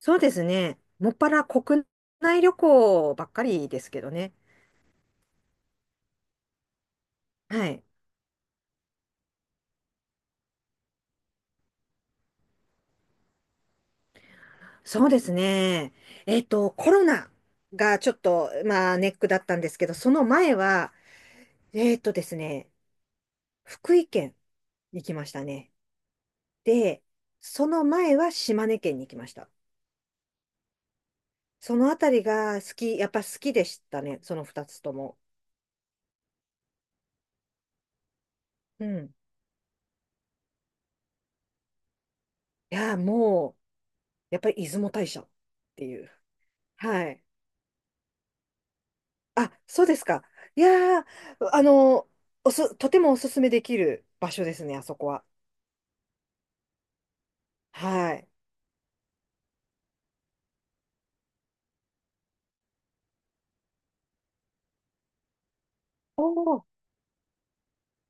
そうですね。もっぱら国内旅行ばっかりですけどね。はい。そうですね。コロナがちょっと、まあ、ネックだったんですけど、その前は、えっとですね、福井県に来ましたね。で、その前は島根県に来ました。そのあたりが好き、やっぱ好きでしたね。その二つとも。うん。いや、もう、やっぱり出雲大社っていう。はい。あ、そうですか。いやー、あの、とてもおすすめできる場所ですね、あそこは。はい。おお、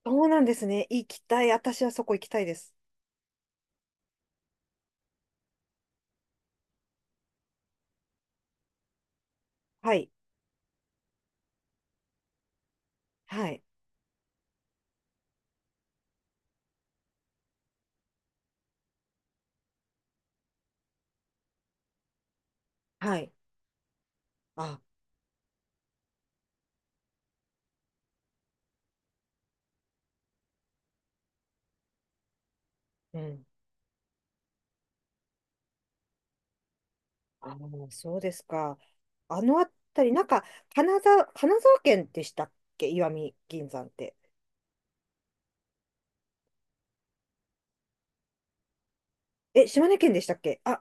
そうなんですね。行きたい。私はそこ行きたいです。はい。はい。はい。あ、うん。そうですか。あのあたり、なんか、金沢県でしたっけ石見銀山って。え、島根県でしたっけあ、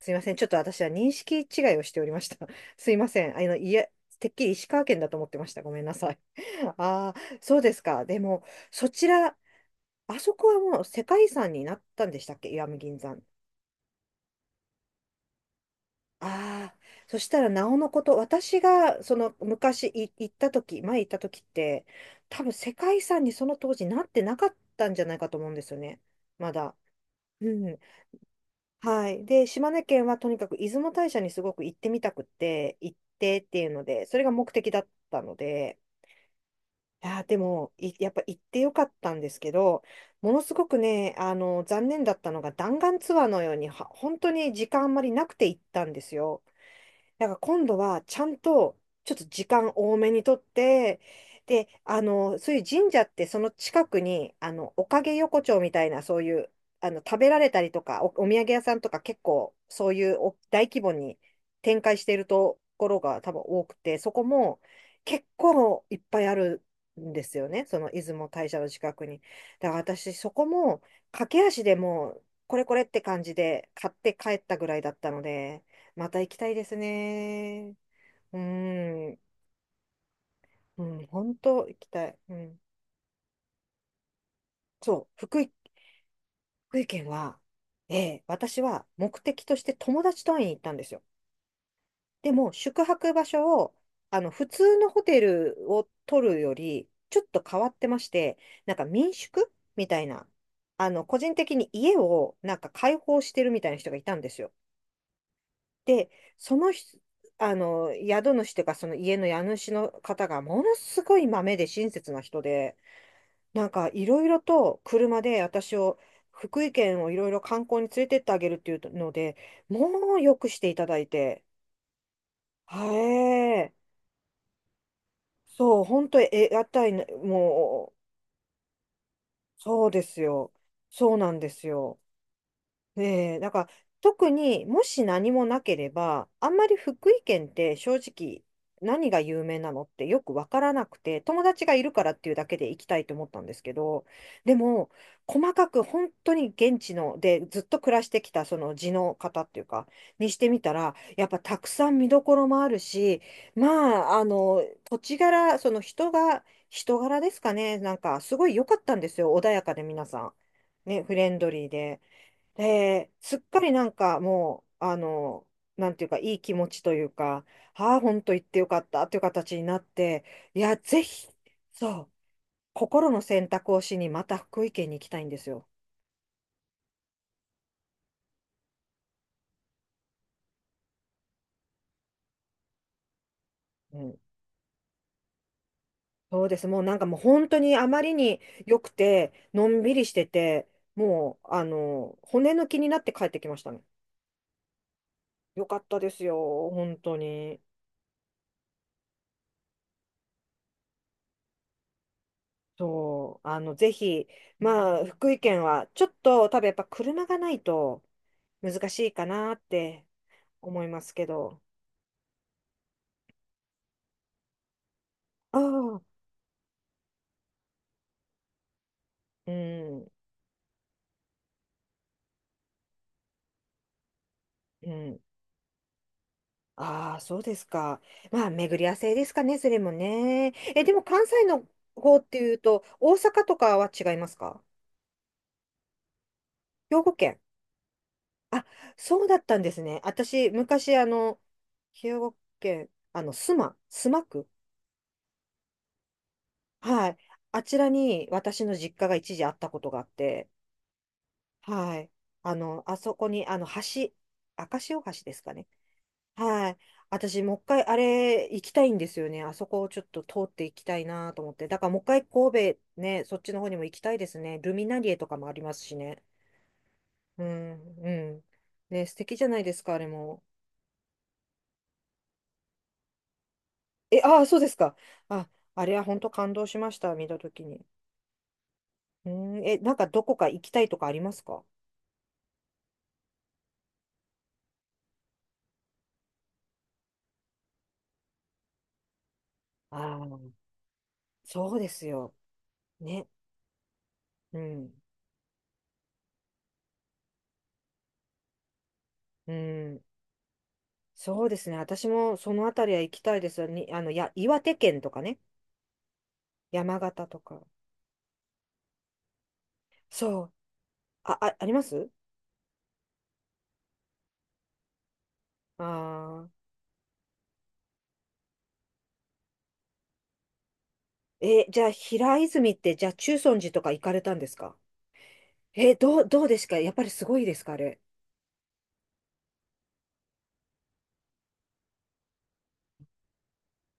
すいません。ちょっと私は認識違いをしておりました。すいません。いやてっきり石川県だと思ってました。ごめんなさい。ああ、そうですか。でも、そちら、あそこはもう世界遺産になったんでしたっけ石見銀山。ああ、そしたらなおのこと、私がその昔行った時、前行った時って、多分世界遺産にその当時なってなかったんじゃないかと思うんですよね。まだ。うん。はい。で、島根県はとにかく出雲大社にすごく行ってみたくって、行ってっていうので、それが目的だったので、いやー、でも、いやっぱ行ってよかったんですけど、ものすごくね、残念だったのが弾丸ツアーのように、は本当に時間あんまりなくて行ったんですよ。だから今度はちゃんとちょっと時間多めにとって、で、そういう神社ってその近くに、おかげ横丁みたいなそういう、食べられたりとか、お土産屋さんとか結構そういうお大規模に展開しているところが多分多くて、そこも結構いっぱいあるんですよね。その出雲大社の近くに。だから私そこも駆け足でもうこれこれって感じで買って帰ったぐらいだったので、また行きたいですね。うん、うん、本当行きたい。うん、そう、福井、福井県は、ええ、私は目的として友達と会いに行ったんですよ。でも、宿泊場所を、普通のホテルを取るより、ちょっと変わってまして、なんか民宿みたいな、個人的に家をなんか開放してるみたいな人がいたんですよ。で、その人、宿主というか、その家の家主の方がものすごい豆で親切な人で、なんかいろいろと車で私を、福井県をいろいろ観光に連れてってあげるっていうので、もうよくしていただいて、はえそう、本当にえ、屋台の、もう、そうですよ。そうなんですよ。ええ、だから特にもし何もなければ、あんまり福井県って正直何が有名なのってよくわからなくて、友達がいるからっていうだけで行きたいと思ったんですけど、でも細かく本当に現地のでずっと暮らしてきたその地の方っていうか、にしてみたら、やっぱたくさん見どころもあるし、まあ、土地柄、その人が、人柄ですかね、なんかすごい良かったんですよ、穏やかで皆さん。ね、フレンドリーで。で、すっかりなんかもう、なんていうか、いい気持ちというか、ああ、本当行ってよかったという形になって、いや、ぜひ、そう、心の選択をしに、また福井県に行きたいんですよ。うん。そうです。もうなんかもう本当にあまりに良くて、のんびりしてて、もう、骨抜きになって帰ってきましたね。よかったですよ、本当に。そう、ぜひ、まあ、福井県は、ちょっと、多分やっぱ車がないと、難しいかなって思いますけど。ああ、うん、うん。ああ、そうですか。まあ、巡り合わせですかね、それもね。え、でも関西の方っていうと、大阪とかは違いますか？兵庫県。あ、そうだったんですね。私、昔、兵庫県、須磨区。はい。あちらに私の実家が一時あったことがあって、はい。あそこに、橋、赤潮橋ですかね。はい。私、もう一回あれ行きたいんですよね。あそこをちょっと通っていきたいなと思って。だからもう一回神戸ね、そっちの方にも行きたいですね。ルミナリエとかもありますしね。うん、うん。ね、素敵じゃないですか、あれも。え、ああ、そうですか。あ、あれは本当感動しました、見たときに。うん、え、なんかどこか行きたいとかありますか？ああそうですよ。ね。うん、うん。そうですね。私もそのあたりは行きたいですよ。に、岩手県とかね。山形とか。そう。ありますああー。え、じゃあ、平泉って、じゃあ、中尊寺とか行かれたんですか？え、どうですか？やっぱりすごいですかあれ。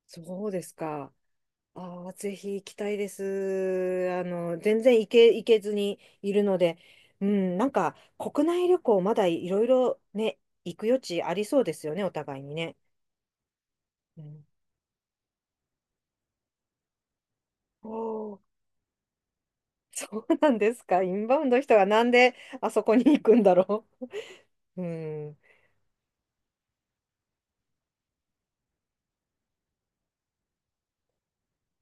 そうですか。ああ、ぜひ行きたいです。あの、全然行け、行けずにいるので、うん、なんか、国内旅行、まだいろいろね、行く余地ありそうですよね、お互いにね。うん、おお、そうなんですか。インバウンドの人がなんであそこに行くんだろう。うん、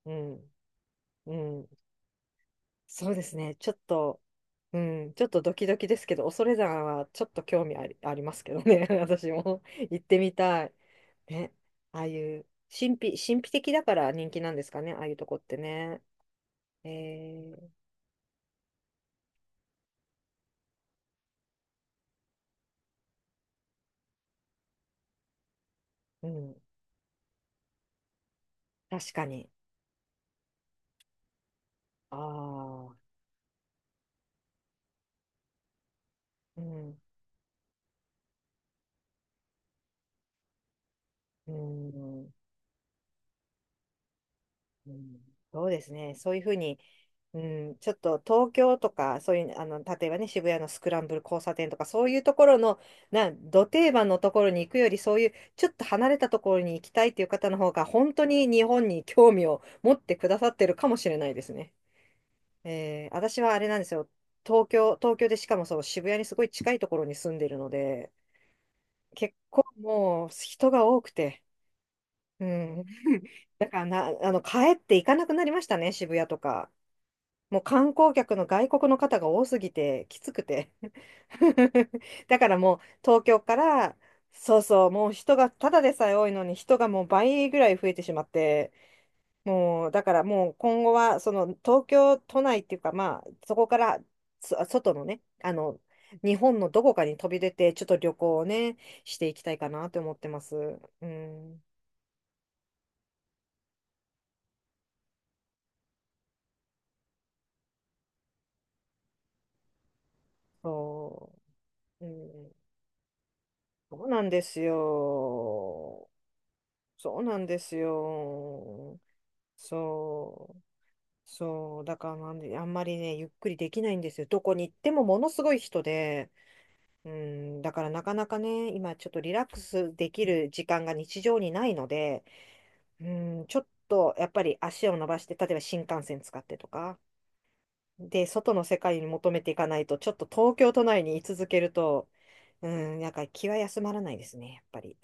うん、うん。そうですね。ちょっと、うん、ちょっとドキドキですけど、恐山はちょっと興味あり、ありますけどね。私も行ってみたい。ね。ああいう、神秘的だから人気なんですかね。ああいうとこってね。えー、うん。確かに。ああ、うん、うん、うん。そうですね。そういうふうに、うん、ちょっと東京とか、そういう、例えばね、渋谷のスクランブル交差点とか、そういうところの、な、ど定番のところに行くより、そういう、ちょっと離れたところに行きたいっていう方の方が、本当に日本に興味を持ってくださってるかもしれないですね。えー、私はあれなんですよ。東京でしかもその渋谷にすごい近いところに住んでるので、結構もう人が多くて、うん。だからな、帰って行かなくなりましたね、渋谷とか。もう観光客の外国の方が多すぎて、きつくて。だからもう東京から、そうそう、もう人がただでさえ多いのに人がもう倍ぐらい増えてしまって、もうだからもう今後はその東京都内っていうかまあそこからそ外のね、日本のどこかに飛び出てちょっと旅行をね、していきたいかなと思ってます。うん、そう、うん、そうなんですよ。そうなんですよ。そう。そう。だからなんで、あんまりね、ゆっくりできないんですよ。どこに行ってもものすごい人で、うん、だからなかなかね、今ちょっとリラックスできる時間が日常にないので、うん、ちょっとやっぱり足を伸ばして、例えば新幹線使ってとか、で、外の世界に求めていかないと、ちょっと東京都内に居続けると、うん、なんか気は休まらないですね、やっぱり。